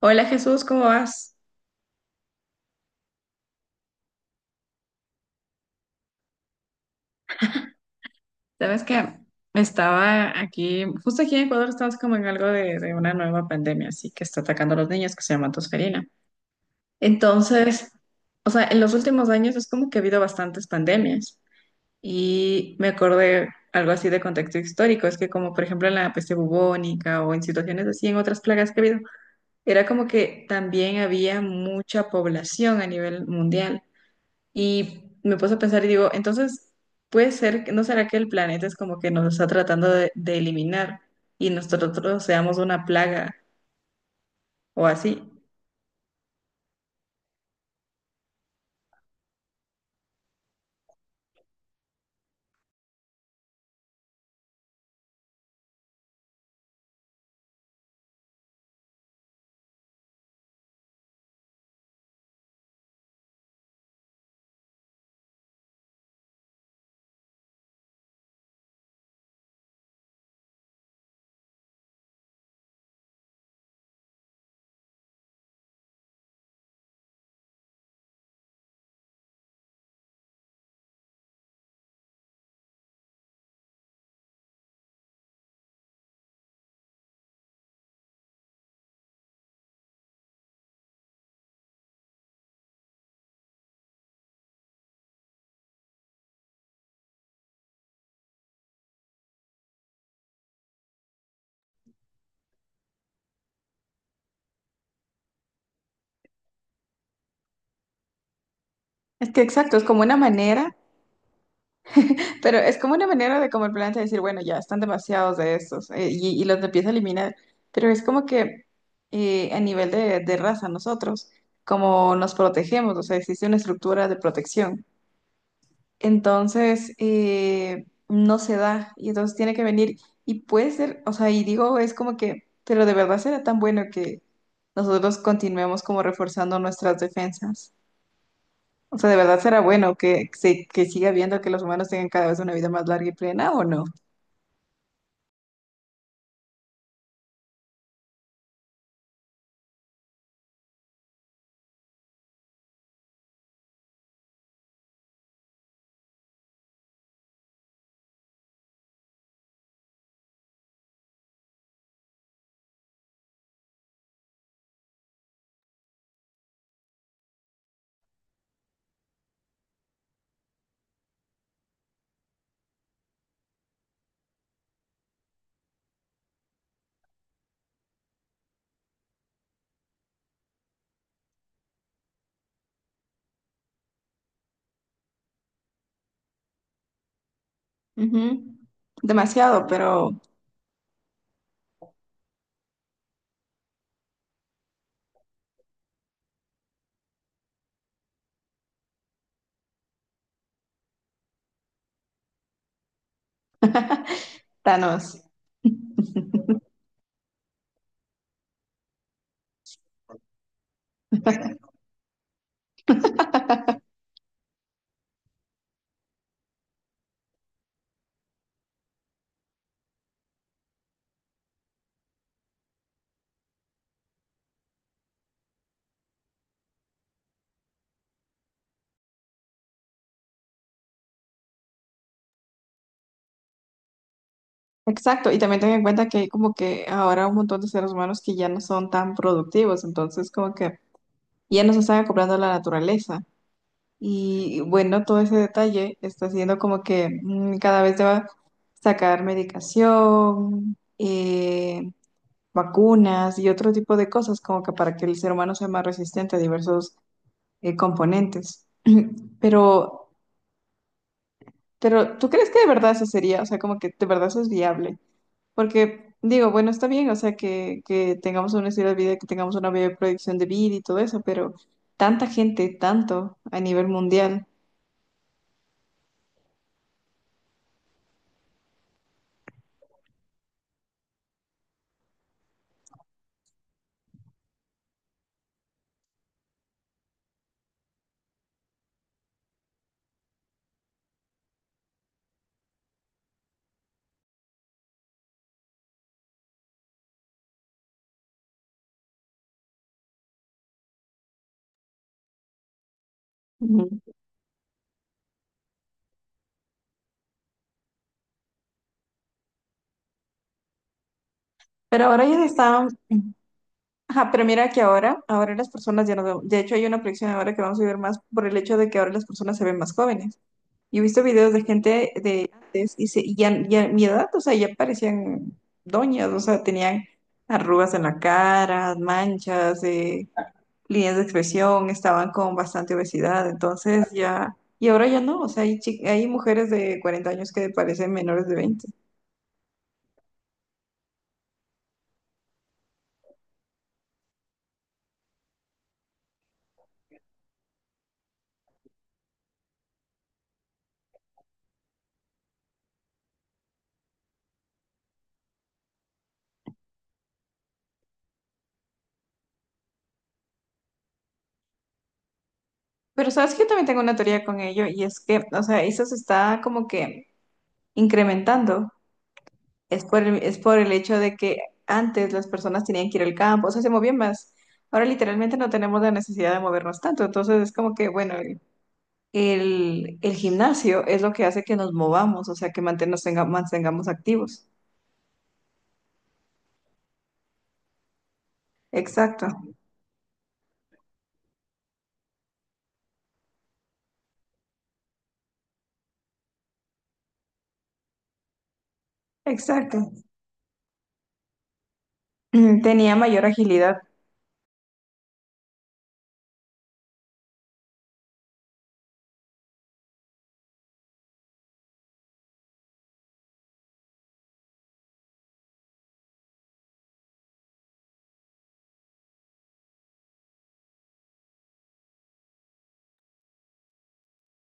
Hola Jesús, ¿cómo vas? Sabes que estaba aquí, justo aquí en Ecuador estamos como en algo de una nueva pandemia, así que está atacando a los niños que se llama tosferina. Entonces, o sea, en los últimos años es como que ha habido bastantes pandemias y me acordé algo así de contexto histórico, es que como por ejemplo en la peste bubónica o en situaciones así en otras plagas que ha habido, era como que también había mucha población a nivel mundial. Y me puse a pensar y digo, entonces, puede ser, ¿no será que el planeta es como que nos está tratando de eliminar y nosotros seamos una plaga o así? Es que exacto, es como una manera, pero es como una manera de como el planeta decir, bueno, ya están demasiados de estos y los empieza a eliminar, pero es como que a nivel de raza nosotros, como nos protegemos, o sea, existe una estructura de protección. Entonces no se da y entonces tiene que venir y puede ser, o sea, y digo, es como que, pero de verdad será tan bueno que nosotros continuemos como reforzando nuestras defensas. O sea, ¿de verdad será bueno que, se, que siga viendo que los humanos tengan cada vez una vida más larga y plena o no? Ujú. Demasiado, pero Thanos. Exacto, y también ten en cuenta que hay como que ahora un montón de seres humanos que ya no son tan productivos, entonces como que ya nos están acoplando a la naturaleza. Y bueno, todo ese detalle está haciendo como que cada vez deba sacar medicación, vacunas y otro tipo de cosas como que para que el ser humano sea más resistente a diversos componentes. Pero, pero, ¿tú crees que de verdad eso sería? O sea, como que de verdad eso es viable. Porque digo, bueno, está bien, o sea, que tengamos un estilo de vida, que tengamos una buena proyección de vida y todo eso, pero tanta gente, tanto a nivel mundial. Pero ahora ya están ajá, pero mira que ahora, ahora las personas ya no... de hecho, hay una proyección ahora que vamos a ver más por el hecho de que ahora las personas se ven más jóvenes. Yo he visto videos de gente de antes y, se, y ya, ya mi edad, o sea, ya parecían doñas, o sea, tenían arrugas en la cara, manchas, líneas de expresión, estaban con bastante obesidad, entonces ya, y ahora ya no, o sea, hay, hay mujeres de 40 años que parecen menores de 20. Pero sabes que yo también tengo una teoría con ello y es que, o sea, eso se está como que incrementando. Es por es por el hecho de que antes las personas tenían que ir al campo, o sea, se movían más. Ahora literalmente no tenemos la necesidad de movernos tanto, entonces es como que, bueno, el, el gimnasio es lo que hace que nos movamos, o sea, que mantengamos activos. Exacto, exacto. Mm, tenía mayor agilidad.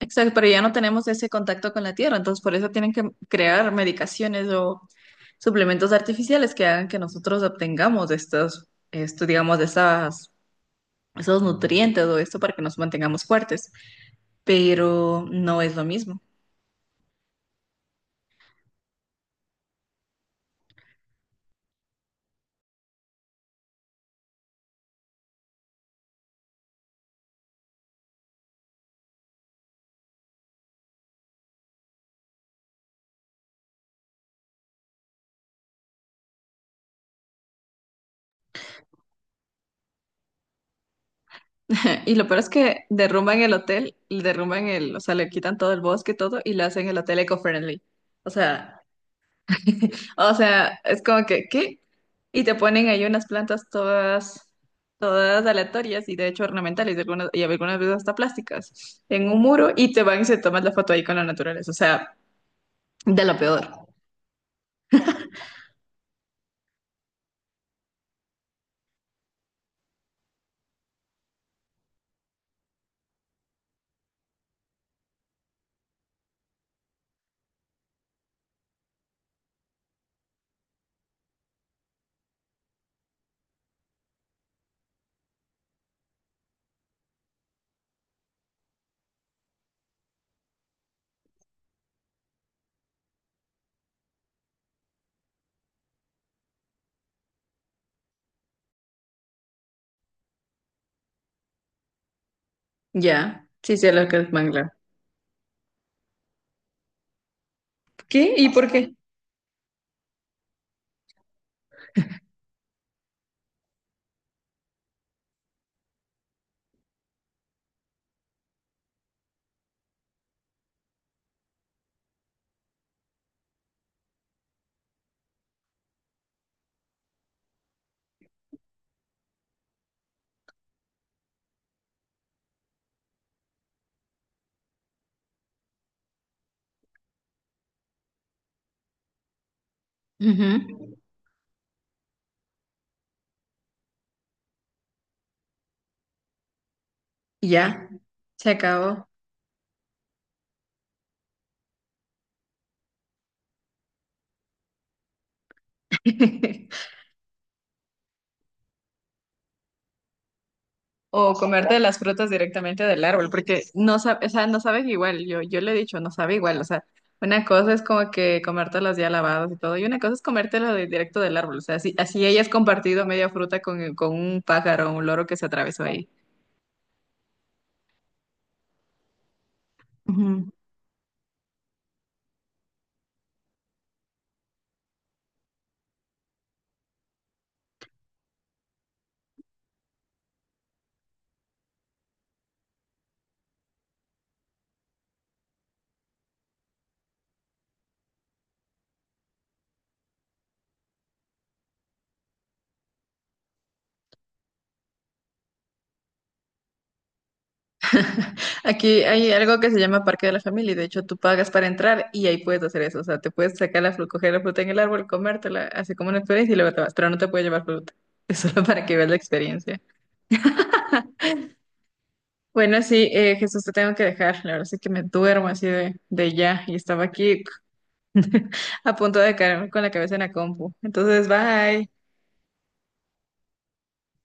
Exacto, pero ya no tenemos ese contacto con la tierra, entonces por eso tienen que crear medicaciones o suplementos artificiales que hagan que nosotros obtengamos estos, esto, digamos, de esas esos nutrientes o esto para que nos mantengamos fuertes, pero no es lo mismo. Y lo peor es que derrumban el hotel, derrumban el, o sea, le quitan todo el bosque, todo, y le hacen el hotel eco-friendly. O sea, o sea, es como que, ¿qué? Y te ponen ahí unas plantas todas, todas aleatorias y de hecho ornamentales, y algunas veces hasta plásticas, en un muro y te van y se toman la foto ahí con la naturaleza. O sea, de lo peor. Ya, sí, sí, lo que es manglar. ¿Qué? ¿Y por qué? Ujú. Y ya, se acabó. O comerte las frutas directamente del árbol, porque no sabe, o sea, no saben igual. Yo, le he dicho, no sabe igual. O sea, una cosa es como que comértelas ya lavadas y todo, y una cosa es comértelas de, directo del árbol. O sea, así, así hayas compartido media fruta con un pájaro o un loro que se atravesó ahí. Ujú. Aquí hay algo que se llama Parque de la Familia, y de hecho tú pagas para entrar y ahí puedes hacer eso. O sea, te puedes sacar la fruta, coger la fruta en el árbol, comértela, así como una experiencia y luego te vas, pero no te puedes llevar fruta. Es solo para que veas la experiencia. Bueno, sí, Jesús, te tengo que dejar. La verdad es que me duermo así de ya y estaba aquí a punto de caerme con la cabeza en la compu. Entonces, bye.